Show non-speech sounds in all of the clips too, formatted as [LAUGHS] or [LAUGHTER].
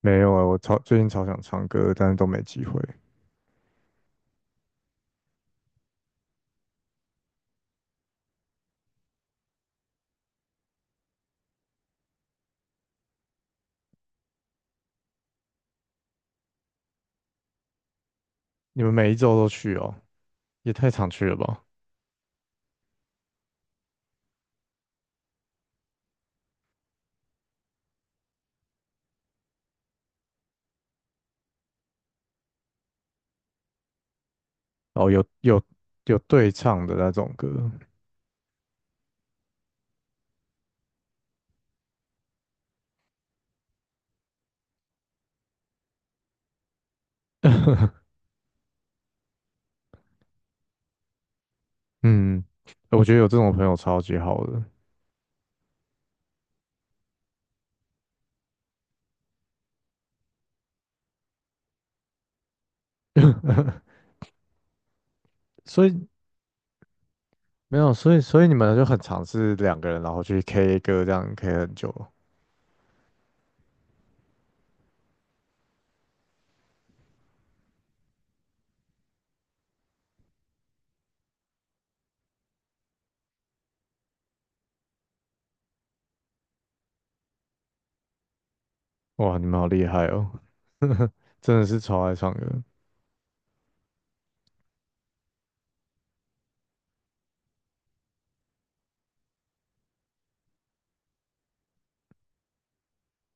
没有啊，我最近超想唱歌，但是都没机会。你们每一周都去哦？也太常去了吧？哦，有对唱的那种歌。[LAUGHS] 嗯，我觉得有这种朋友超级好的。所以没有，所以你们就很常是两个人，然后去 K 歌，这样 K 很久。哇，你们好厉害哦。[LAUGHS] 真的是超爱唱歌。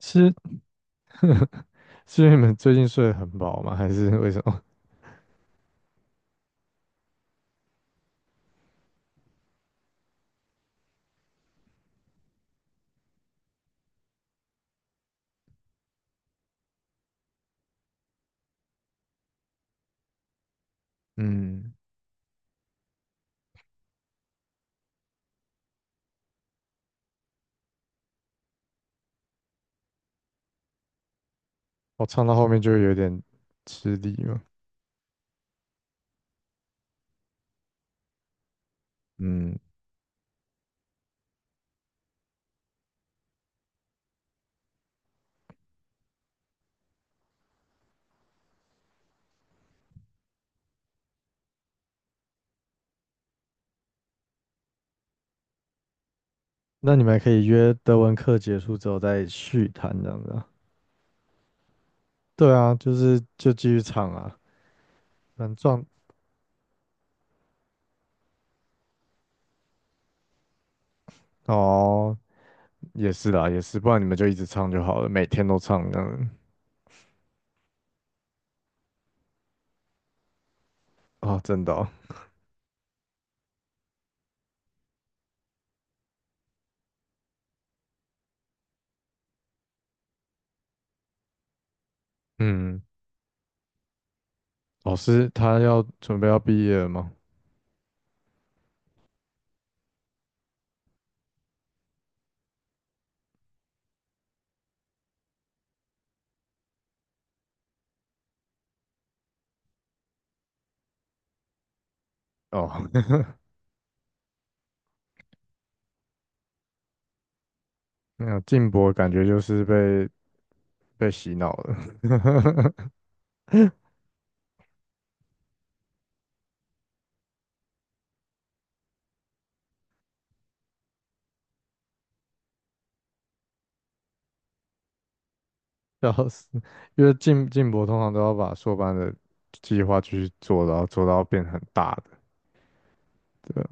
是是因为你们最近睡得很饱吗？还是为什么？[LAUGHS] 嗯，我唱到后面就有点吃力了。嗯。那你们还可以约德文课结束之后再续谈这样子啊？对啊，就继续唱啊，反正撞哦，也是啦，也是，不然你们就一直唱就好了，每天都唱这样子啊。真的哦。嗯，老师他要准备要毕业了吗？哦。[LAUGHS] 没有，静博感觉就是被洗脑了。[LAUGHS] 笑死，因为静博通常都要把硕班的计划继续做，然后做到变很大的。对。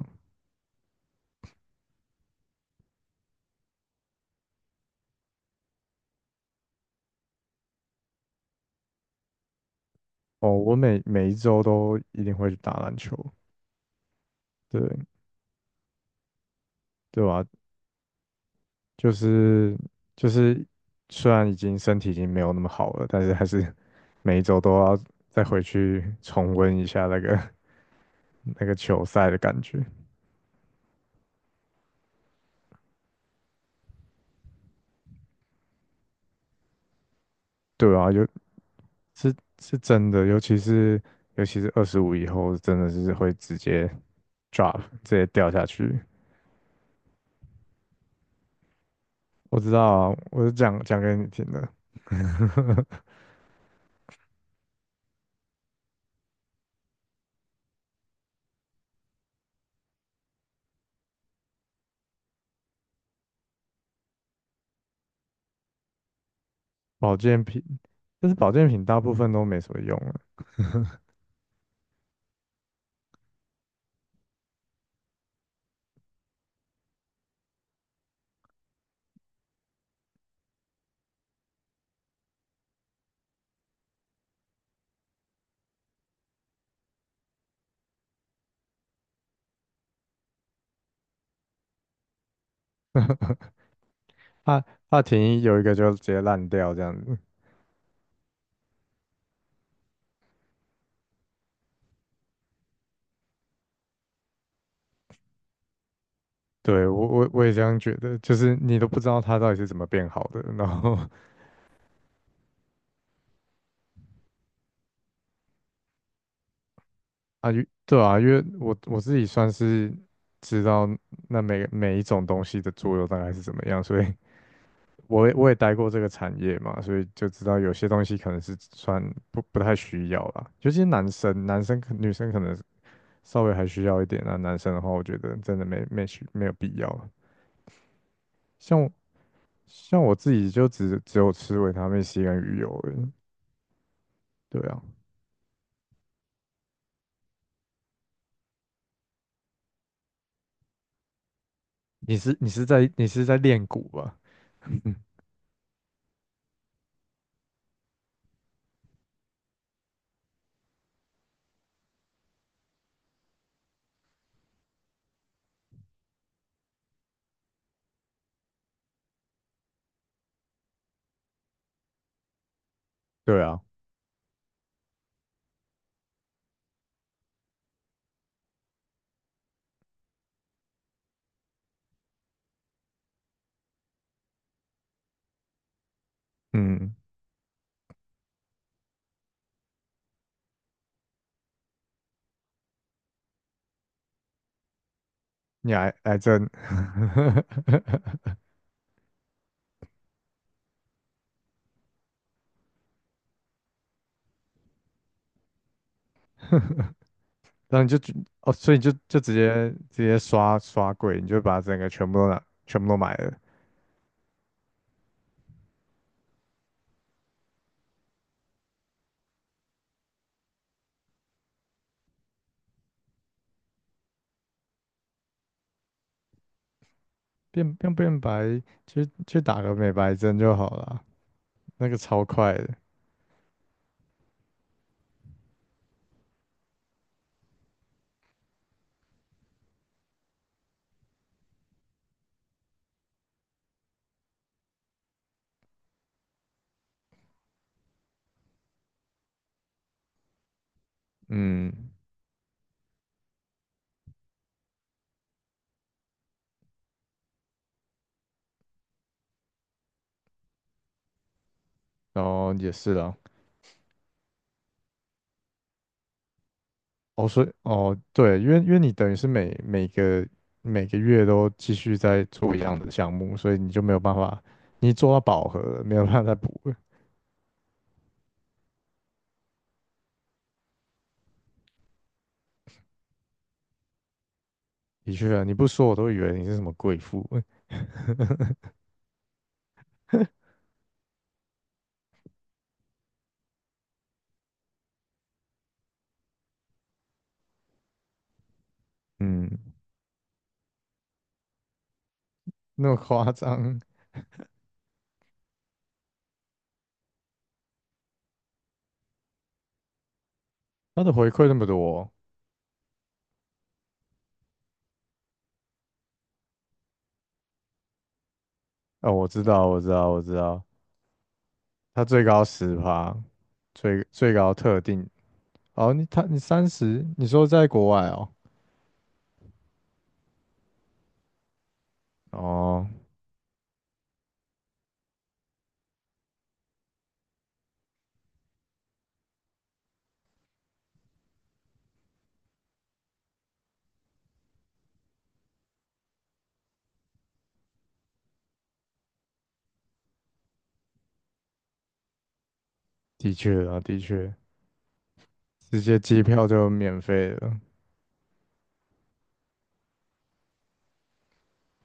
哦，我每一周都一定会去打篮球，对，对吧？就是就是，虽然身体已经没有那么好了，但是还是每一周都要再回去重温一下那个 [LAUGHS] 那个球赛的感觉。对啊，就是是真的。尤其是25以后，真的是会直接 直接掉下去。我知道啊，我是讲讲给你听的。[LAUGHS] 保健品，但是保健品大部分都没什么用。啊，帕停，有一个就直接烂掉这样子。对，我也这样觉得，就是你都不知道它到底是怎么变好的。然后啊，对啊，因为我自己算是知道那每一种东西的作用大概是怎么样，所以我也待过这个产业嘛，所以就知道有些东西可能是算不太需要啦，尤其是男生，男生可女生可能稍微还需要一点啊。男生的话，我觉得真的没有必要。像像我自己就只有吃维他命 C 跟鱼油而已。对啊，你是在练骨吧？对啊。嗯，你癌症。[LAUGHS] 然后你就觉哦，所以你就直接刷柜，你就把整个全部都买了。变白，去打个美白针就好了，那个超快的。嗯，然后也是啦。哦，所以哦，对，因为你等于是每个月都继续在做一样的项目，所以你就没有办法，你做到饱和了没有办法再补了。的确啊，你不说我都以为你是什么贵妇。[LAUGHS] 嗯，那么夸张。他的回馈那么多。哦，我知道，我知道，我知道，他最高10%，最高特定。哦，你30？你说在国外哦？哦，的确啊，的确，直接机票就免费了。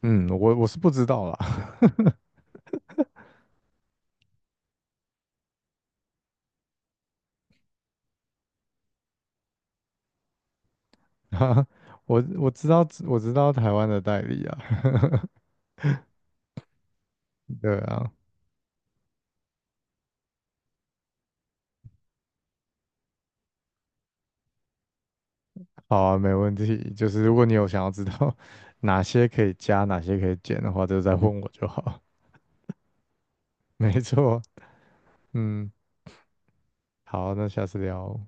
嗯，我是不知道啦。[LAUGHS] 我知道台湾的代理啊。[LAUGHS] 对啊，好啊，没问题。就是如果你有想要知道 [LAUGHS] 哪些可以加，哪些可以减的话，就再问我就好。[LAUGHS] 没错。嗯，好，那下次聊哦。